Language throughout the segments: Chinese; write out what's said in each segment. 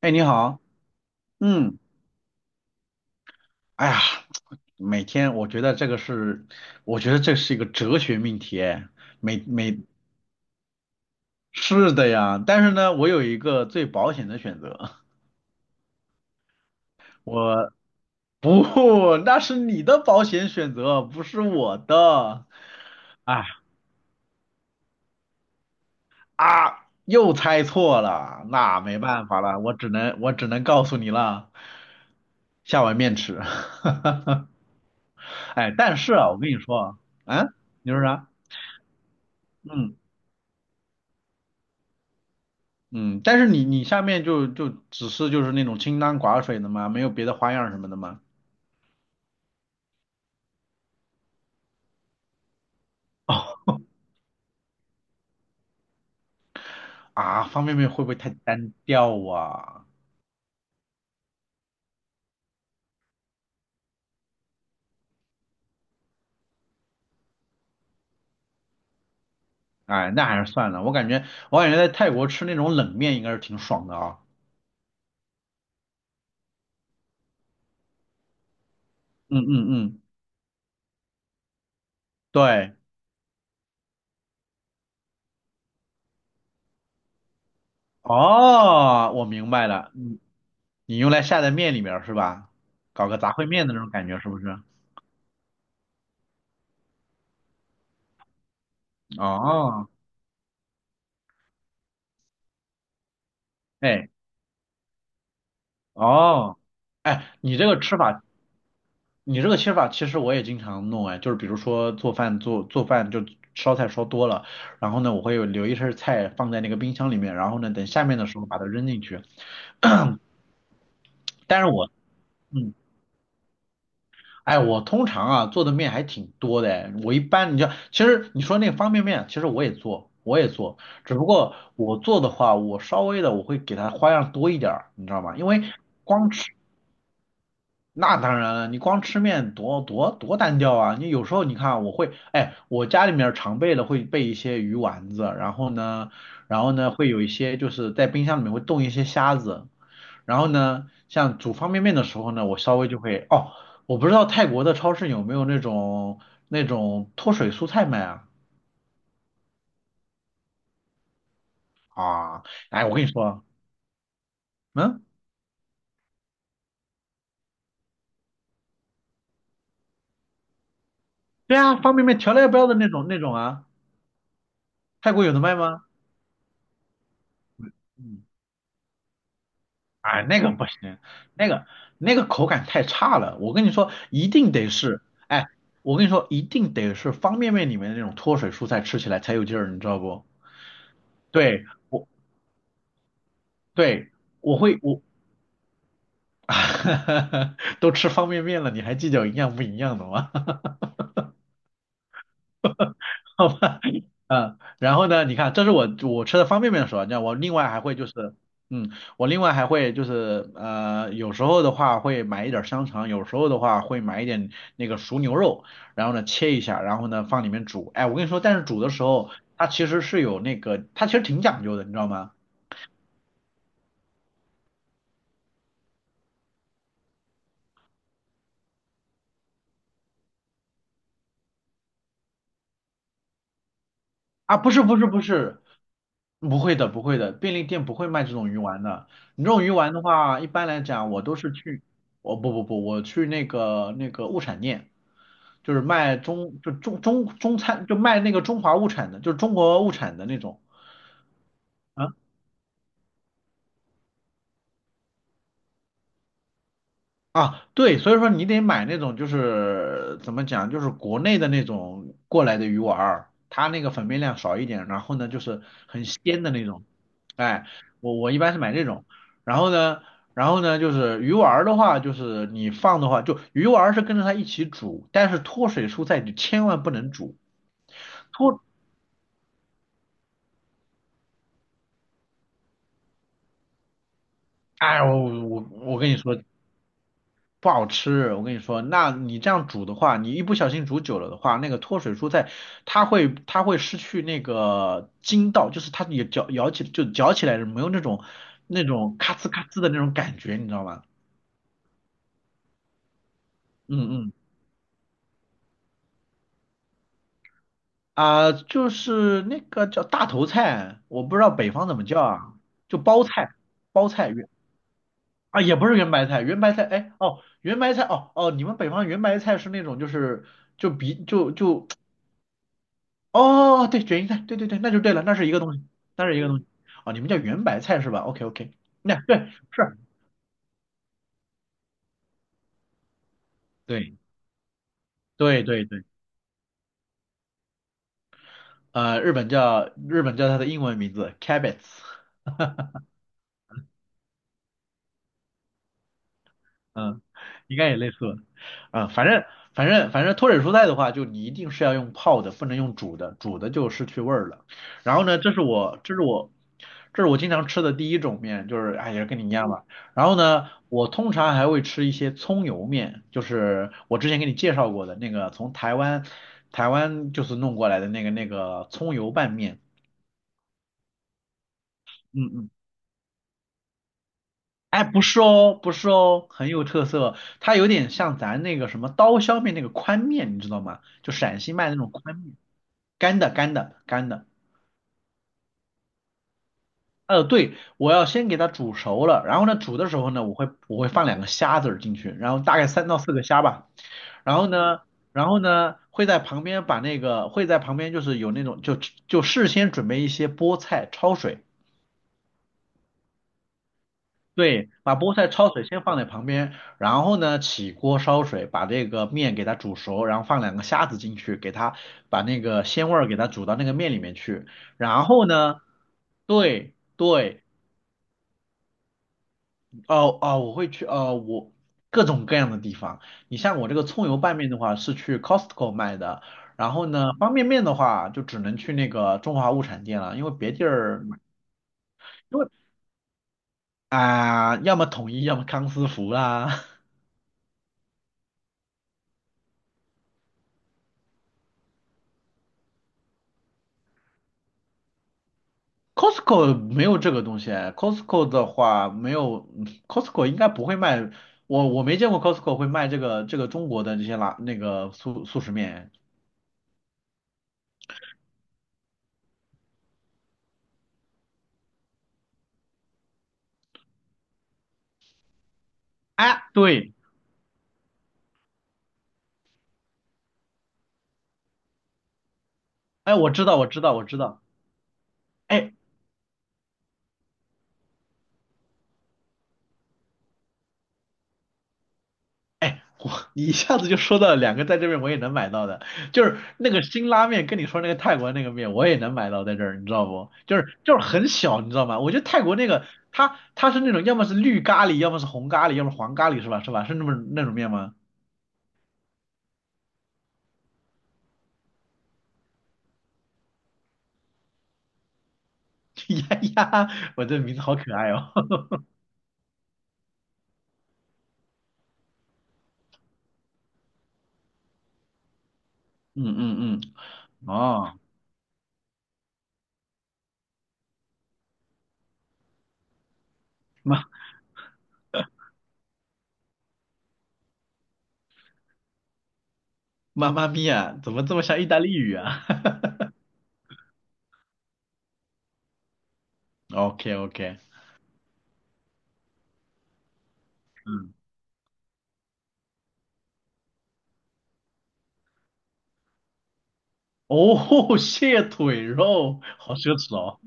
哎，你好，嗯，哎呀，每天我觉得这个是，我觉得这是一个哲学命题，哎，每每是的呀，但是呢，我有一个最保险的选择。我不，那是你的保险选择，不是我的。哎，啊，又猜错了，那没办法了，我只能告诉你了。下碗面吃。哈哈哈。哎，但是啊，我跟你说，啊，嗯，你说啥？嗯。嗯，但是你下面只是就是那种清汤寡水的吗？没有别的花样什么的吗？哦，啊，方便面会不会太单调啊？哎，那还是算了，我感觉在泰国吃那种冷面应该是挺爽的啊。嗯嗯嗯，对，哦，我明白了，你用来下在面里面儿是吧？搞个杂烩面的那种感觉是不是？哦。哎。哦。哎，你这个吃法。你这个切法其实我也经常弄哎，就是比如说做饭就烧菜烧多了，然后呢我会有留一些菜放在那个冰箱里面，然后呢等下面的时候把它扔进去。但是我，嗯，哎我通常啊做的面还挺多的哎，我一般你知道其实你说那个方便面，其实我也做，只不过我做的话我稍微的我会给它花样多一点儿，你知道吗？因为那当然了，你光吃面多单调啊！你有时候你看，我会，哎，我家里面儿常备的会备一些鱼丸子，然后呢，然后呢会有一些就是在冰箱里面会冻一些虾子，然后呢，像煮方便面的时候呢，我稍微就会，哦，我不知道泰国的超市有没有那种脱水蔬菜卖啊？啊，哎，我跟你说，嗯，对啊，方便面调料包的那种啊，泰国有的卖吗？嗯。哎，那个不行，那个那个口感太差了。我跟你说，一定得是，哎，我跟你说，一定得是方便面里面的那种脱水蔬菜，吃起来才有劲儿，你知道不？对，我对我会我 都吃方便面了，你还计较营养不营养的吗？好吧。嗯，然后呢，你看，这是我吃的方便面的时候，你知道，我另外还会就是，嗯，我另外还会就是，呃，有时候的话会买一点儿香肠，有时候的话会买一点那个熟牛肉，然后呢切一下，然后呢放里面煮。哎，我跟你说，但是煮的时候它其实是有那个，它其实挺讲究的，你知道吗？啊，不是不是不是，不会的不会的，便利店不会卖这种鱼丸的。你这种鱼丸的话，一般来讲我都是去，我不不不，我去那个物产店，就是卖中餐，就卖那个中华物产的，就是中国物产的那种。啊，啊，对，所以说你得买那种就是怎么讲，就是国内的那种过来的鱼丸儿，它那个粉面量少一点，然后呢就是很鲜的那种。哎，我一般是买这种，然后呢，然后呢就是鱼丸儿的话，就是你放的话，就鱼丸儿是跟着它一起煮，但是脱水蔬菜你千万不能煮。脱，哎，我跟你说，不好吃，我跟你说，那你这样煮的话，你一不小心煮久了的话，那个脱水蔬菜它会失去那个筋道，就是它也嚼咬起就嚼起来没有那种咔呲咔呲的那种感觉，你知道吗？嗯嗯，啊、就是那个叫大头菜，我不知道北方怎么叫啊，就包菜，包菜原啊也不是圆白菜，圆白菜,哦哦，你们北方圆白菜是那种就是就比就就哦，对，卷心菜，对对对，那就对了，那是一个东西，那是一个东西。哦，你们叫圆白菜是吧？OK OK。那对，是，对对对对，呃，日本叫它的英文名字 cabbage。嗯，应该也类似吧。啊、反正脱水蔬菜的话，就你一定是要用泡的，不能用煮的，煮的就失去味儿了。然后呢，这是我经常吃的第一种面，就是哎也是跟你一样吧。然后呢，我通常还会吃一些葱油面，就是我之前给你介绍过的那个从台湾就是弄过来的那个葱油拌面。嗯嗯，哎，不是哦，不是哦，很有特色。它有点像咱那个什么刀削面那个宽面，你知道吗？就陕西卖的那种宽面。干的，干的，干的。呃，对，我要先给它煮熟了，然后呢，煮的时候呢，我会放2个虾子儿进去，然后大概3到4个虾吧。然后呢，然后呢，会在旁边就是有那种事先准备一些菠菜焯水。对，把菠菜焯水先放在旁边，然后呢，起锅烧水，把这个面给它煮熟，然后放两个虾子进去，给它把那个鲜味儿给它煮到那个面里面去。然后呢，对对，哦哦，我会去，哦，我各种各样的地方。你像我这个葱油拌面的话，是去 Costco 卖的，然后呢，方便面的话就只能去那个中华物产店了，因为别地儿买。因为啊、要么统一，要么康师傅啦。Costco 没有这个东西， c o s t c o 的话没有， c o s t c o 应该不会卖，我没见过 Costco 会卖这个中国的这些拉那个速食面。哎，对，哎，我知道，我知道，我知道。哎，我你一下子就说到了两个在这边我也能买到的，就是那个辛拉面跟你说那个泰国那个面我也能买到在这儿，你知道不？就是很小，你知道吗？我觉得泰国那个它是那种要么是绿咖喱，要么是红咖喱，要么黄咖喱是吧？是吧？是那么那种面吗？呀呀，我这名字好可爱哦。嗯嗯嗯，哦，妈妈咪呀，怎么这么像意大利语啊 ？OK OK。嗯，哦，蟹腿肉，好奢侈哦。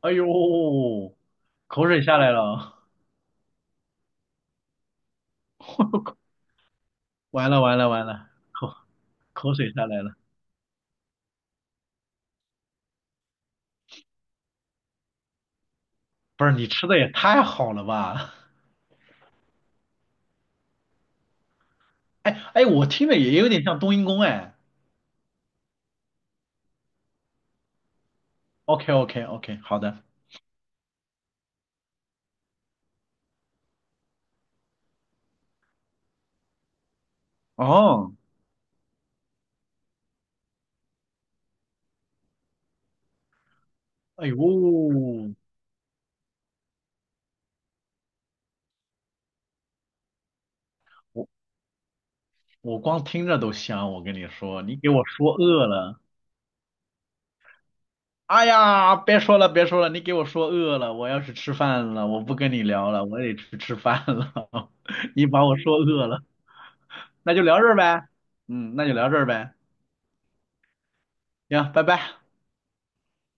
哎呦，口水下来了哦，完了完了完了，口水下来了。不是你吃的也太好了吧？哎哎，我听着也有点像冬阴功哎。OK OK OK，好的。哦，哎呦，我光听着都香，我跟你说，你给我说饿了。哎呀，别说了，别说了，你给我说饿了，我要去吃饭了，我不跟你聊了，我得去吃饭了。你把我说饿了，那就聊这儿呗。嗯，那就聊这儿呗。行，拜拜。